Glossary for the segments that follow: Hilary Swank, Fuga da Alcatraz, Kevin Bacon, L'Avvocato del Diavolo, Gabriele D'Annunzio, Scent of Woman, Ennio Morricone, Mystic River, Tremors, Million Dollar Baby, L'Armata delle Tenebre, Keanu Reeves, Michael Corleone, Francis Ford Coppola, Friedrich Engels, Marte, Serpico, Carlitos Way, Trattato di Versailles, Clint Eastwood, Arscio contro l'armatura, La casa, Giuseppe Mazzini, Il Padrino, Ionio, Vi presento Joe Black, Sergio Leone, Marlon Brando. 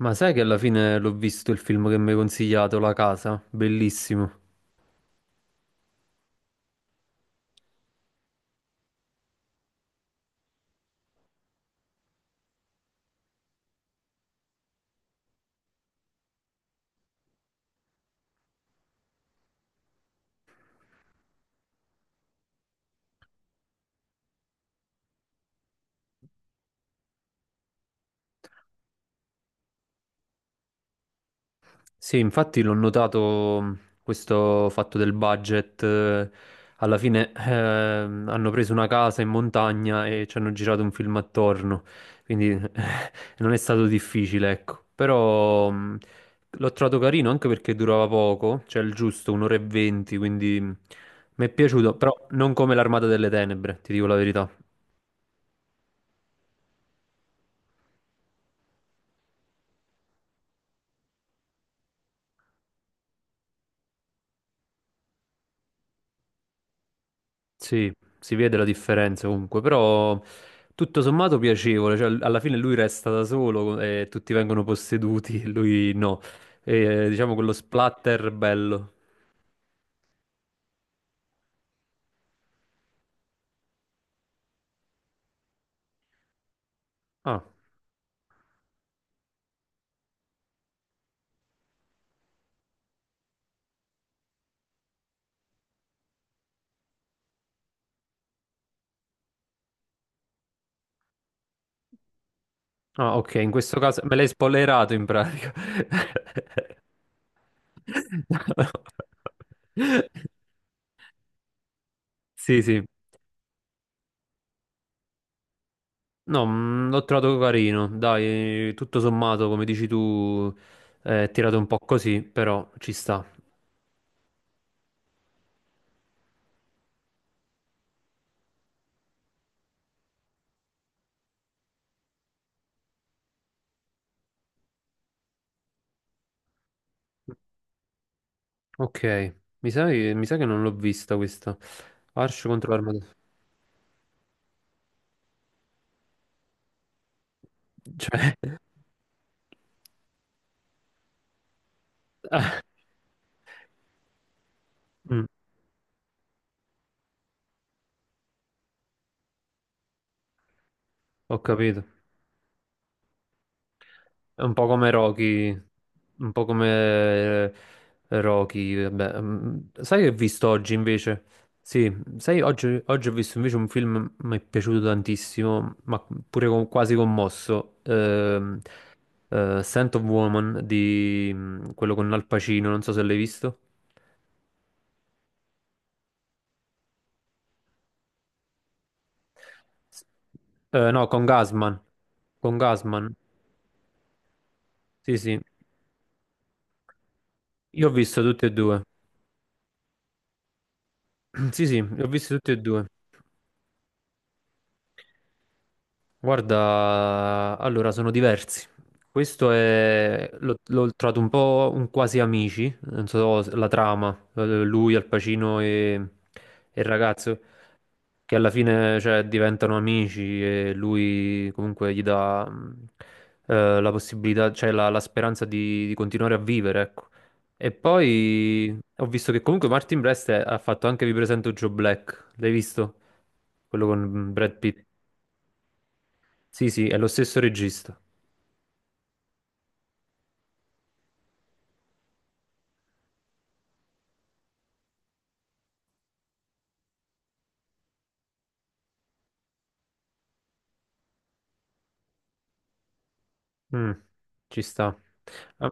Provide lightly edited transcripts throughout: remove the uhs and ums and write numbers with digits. Ma sai che alla fine l'ho visto il film che mi hai consigliato, La casa? Bellissimo. Sì, infatti l'ho notato questo fatto del budget. Alla fine hanno preso una casa in montagna e ci hanno girato un film attorno, quindi non è stato difficile, ecco. Però l'ho trovato carino anche perché durava poco, cioè il giusto, 1h20, quindi mi è piaciuto, però non come L'Armata delle Tenebre, ti dico la verità. Sì, si vede la differenza comunque, però tutto sommato piacevole, cioè alla fine lui resta da solo e tutti vengono posseduti, e lui no. E, diciamo quello splatter bello. Ah, ah, ok, in questo caso me l'hai spoilerato in pratica. No. Sì, sì. No, l'ho trovato carino, dai, tutto sommato, come dici tu, è tirato un po' così, però ci sta. Ok, mi sa che non l'ho vista questa. Arscio contro l'armatura. Cioè, ah, mm, ho capito. È un po' come Rocky. Un po' come Rocky. Vabbè, sai che ho visto oggi invece? Sì, sai, oggi, oggi ho visto invece un film mi è piaciuto tantissimo, ma pure con- quasi commosso. Scent of Woman di quello con Al Pacino, non so se l'hai visto. No, con Gasman. Con Gasman. Sì, sì. Io ho visto tutti e due. Sì, sì, li ho visti tutti e due. Guarda, allora sono diversi. Questo è, l'ho trovato un po' un quasi amici, non so se- la trama, lui, Al Pacino e il ragazzo, che alla fine cioè, diventano amici e lui comunque gli dà la possibilità, cioè la, la speranza di continuare a vivere, ecco. E poi ho visto che comunque Martin Brest è- ha fatto anche Vi presento Joe Black, l'hai visto? Quello con Brad Pitt. Sì, sì, è lo stesso regista. Mm, ci sta. Ah,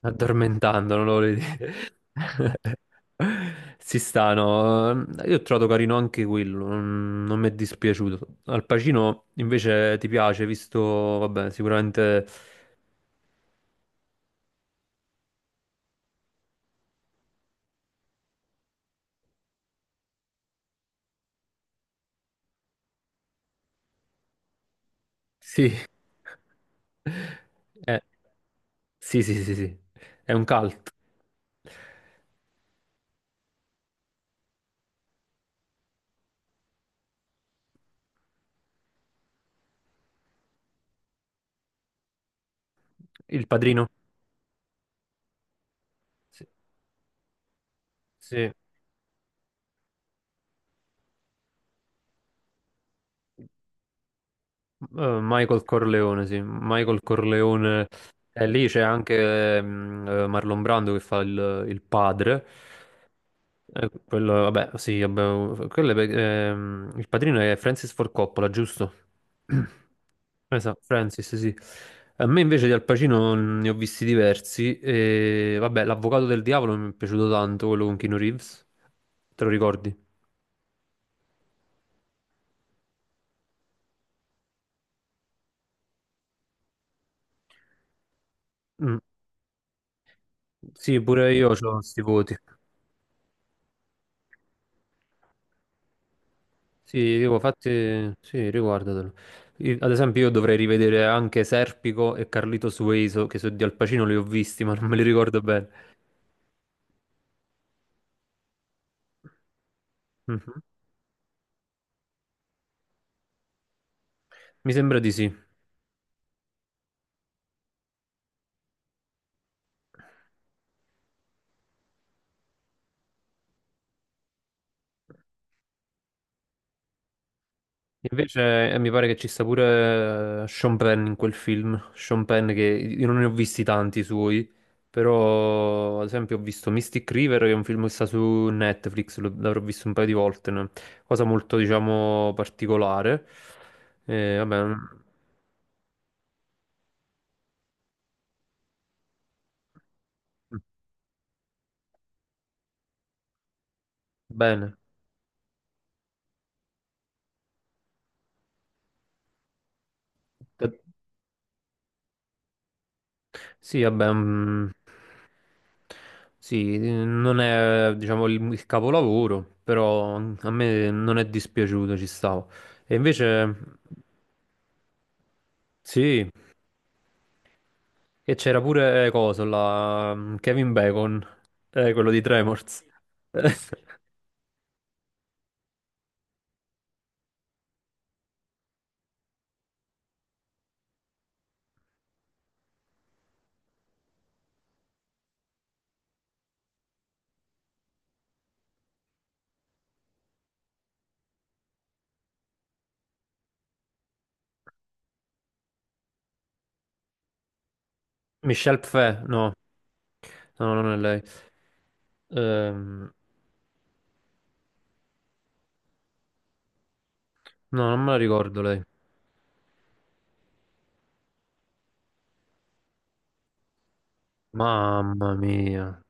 addormentando, non lo volevo dire. Si stanno. Io ho trovato carino anche quello, non, non mi è dispiaciuto. Al Pacino invece ti piace, visto, vabbè, sicuramente sì. Eh, sì, sì, sì, sì. È un cult. Il Padrino? Sì. Sì. Michael Corleone, sì, Michael Corleone, e lì c'è anche Marlon Brando che fa il padre. Quello, vabbè, sì, vabbè, quello è pe- il padrino è Francis Ford Coppola, giusto? Esatto, Francis, sì. A me invece di Al Pacino ne ho visti diversi. E, vabbè, L'Avvocato del Diavolo mi è piaciuto tanto, quello con Keanu Reeves. Te lo ricordi? Mm. Sì, pure io ho questi voti. Sì, dico, infatti, sì, riguardatelo. Io- ad esempio, io dovrei rivedere anche Serpico e Carlitos Way, so- che so di Al Pacino li ho visti, ma non me li ricordo bene. Mhm. Mi sembra di sì. Invece, mi pare che ci sta pure Sean Penn in quel film. Sean Penn, che io non ne ho visti tanti suoi, però, ad esempio, ho visto Mystic River, che è un film che sta su Netflix, lo- l'avrò visto un paio di volte, no? Cosa molto, diciamo, particolare. Eh, vabbè, mm, Bene. Sì, vabbè, sì, non è, diciamo, il capolavoro, però a me non è dispiaciuto, ci stavo. E invece, sì, e c'era pure, coso, la, Kevin Bacon, quello di Tremors. Michelle Pfeff, no, no, no, non è lei. Ehm, no, non me la ricordo lei. Mamma mia.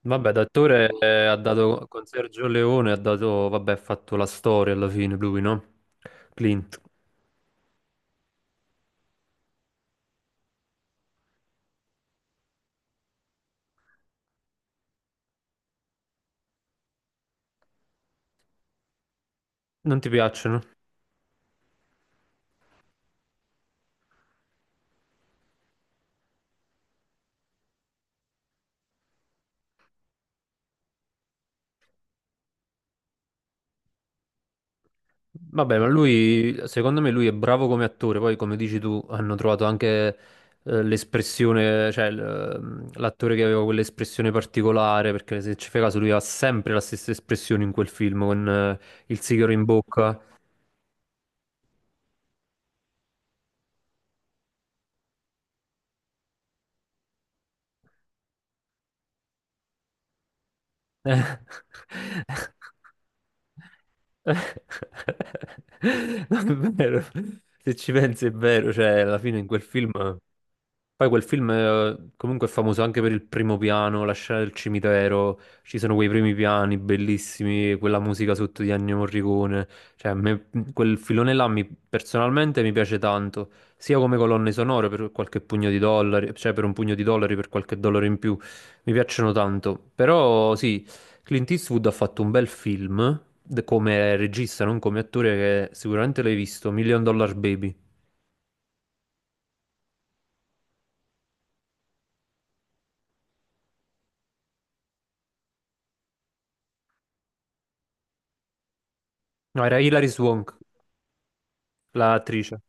Vabbè, d'attore ha dato con Sergio Leone, ha dato, vabbè, ha fatto la storia alla fine lui, no? Clint. Non ti piacciono? Vabbè, ma lui, secondo me lui è bravo come attore, poi come dici tu, hanno trovato anche l'espressione, cioè l- l'attore che aveva quell'espressione particolare, perché se ci fai caso lui ha sempre la stessa espressione in quel film, con il sigaro in bocca. No, è vero. Se ci pensi è vero, cioè alla fine in quel film poi quel film comunque è famoso anche per il primo piano, la scena del cimitero, ci sono quei primi piani bellissimi, quella musica sotto di Ennio Morricone, cioè a me quel filone là mi- personalmente mi piace tanto, sia come colonne sonore per qualche pugno di dollari, cioè per un pugno di dollari, per qualche dollaro in più, mi piacciono tanto, però sì, Clint Eastwood ha fatto un bel film, de- come regista, non come attore, che sicuramente l'hai visto, Million Dollar Baby, no era Hilary Swank. L'attrice.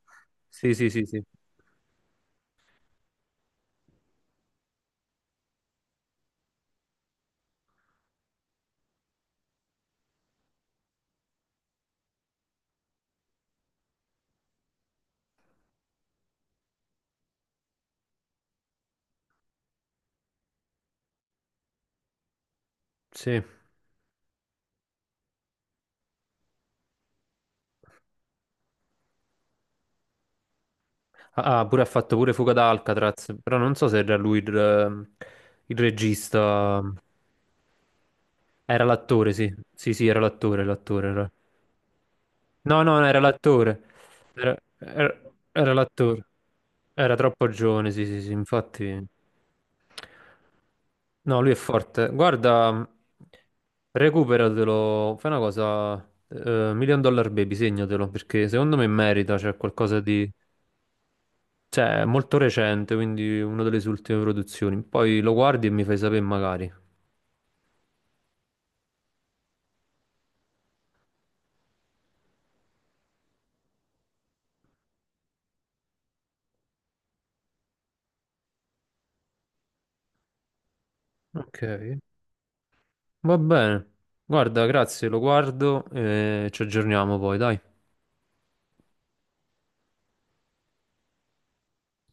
Sì, sì, sì, sì. Sì. Ah, ah, pure ha fatto pure Fuga da Alcatraz, però non so se era lui il regista. Era l'attore, sì. Sì, sì, era l'attore, l'attore. Era. No, no, no, era l'attore. Era, era- era l'attore. Era troppo giovane, sì, sì, sì, infatti. No, lui è forte. Guarda, recuperatelo, fai una cosa, Million Dollar Baby, segnatelo, perché secondo me merita, cioè qualcosa di... Cioè, è molto recente, quindi una delle sue ultime produzioni. Poi lo guardi e mi fai sapere magari. Ok, va bene. Guarda, grazie, lo guardo e ci aggiorniamo poi, dai.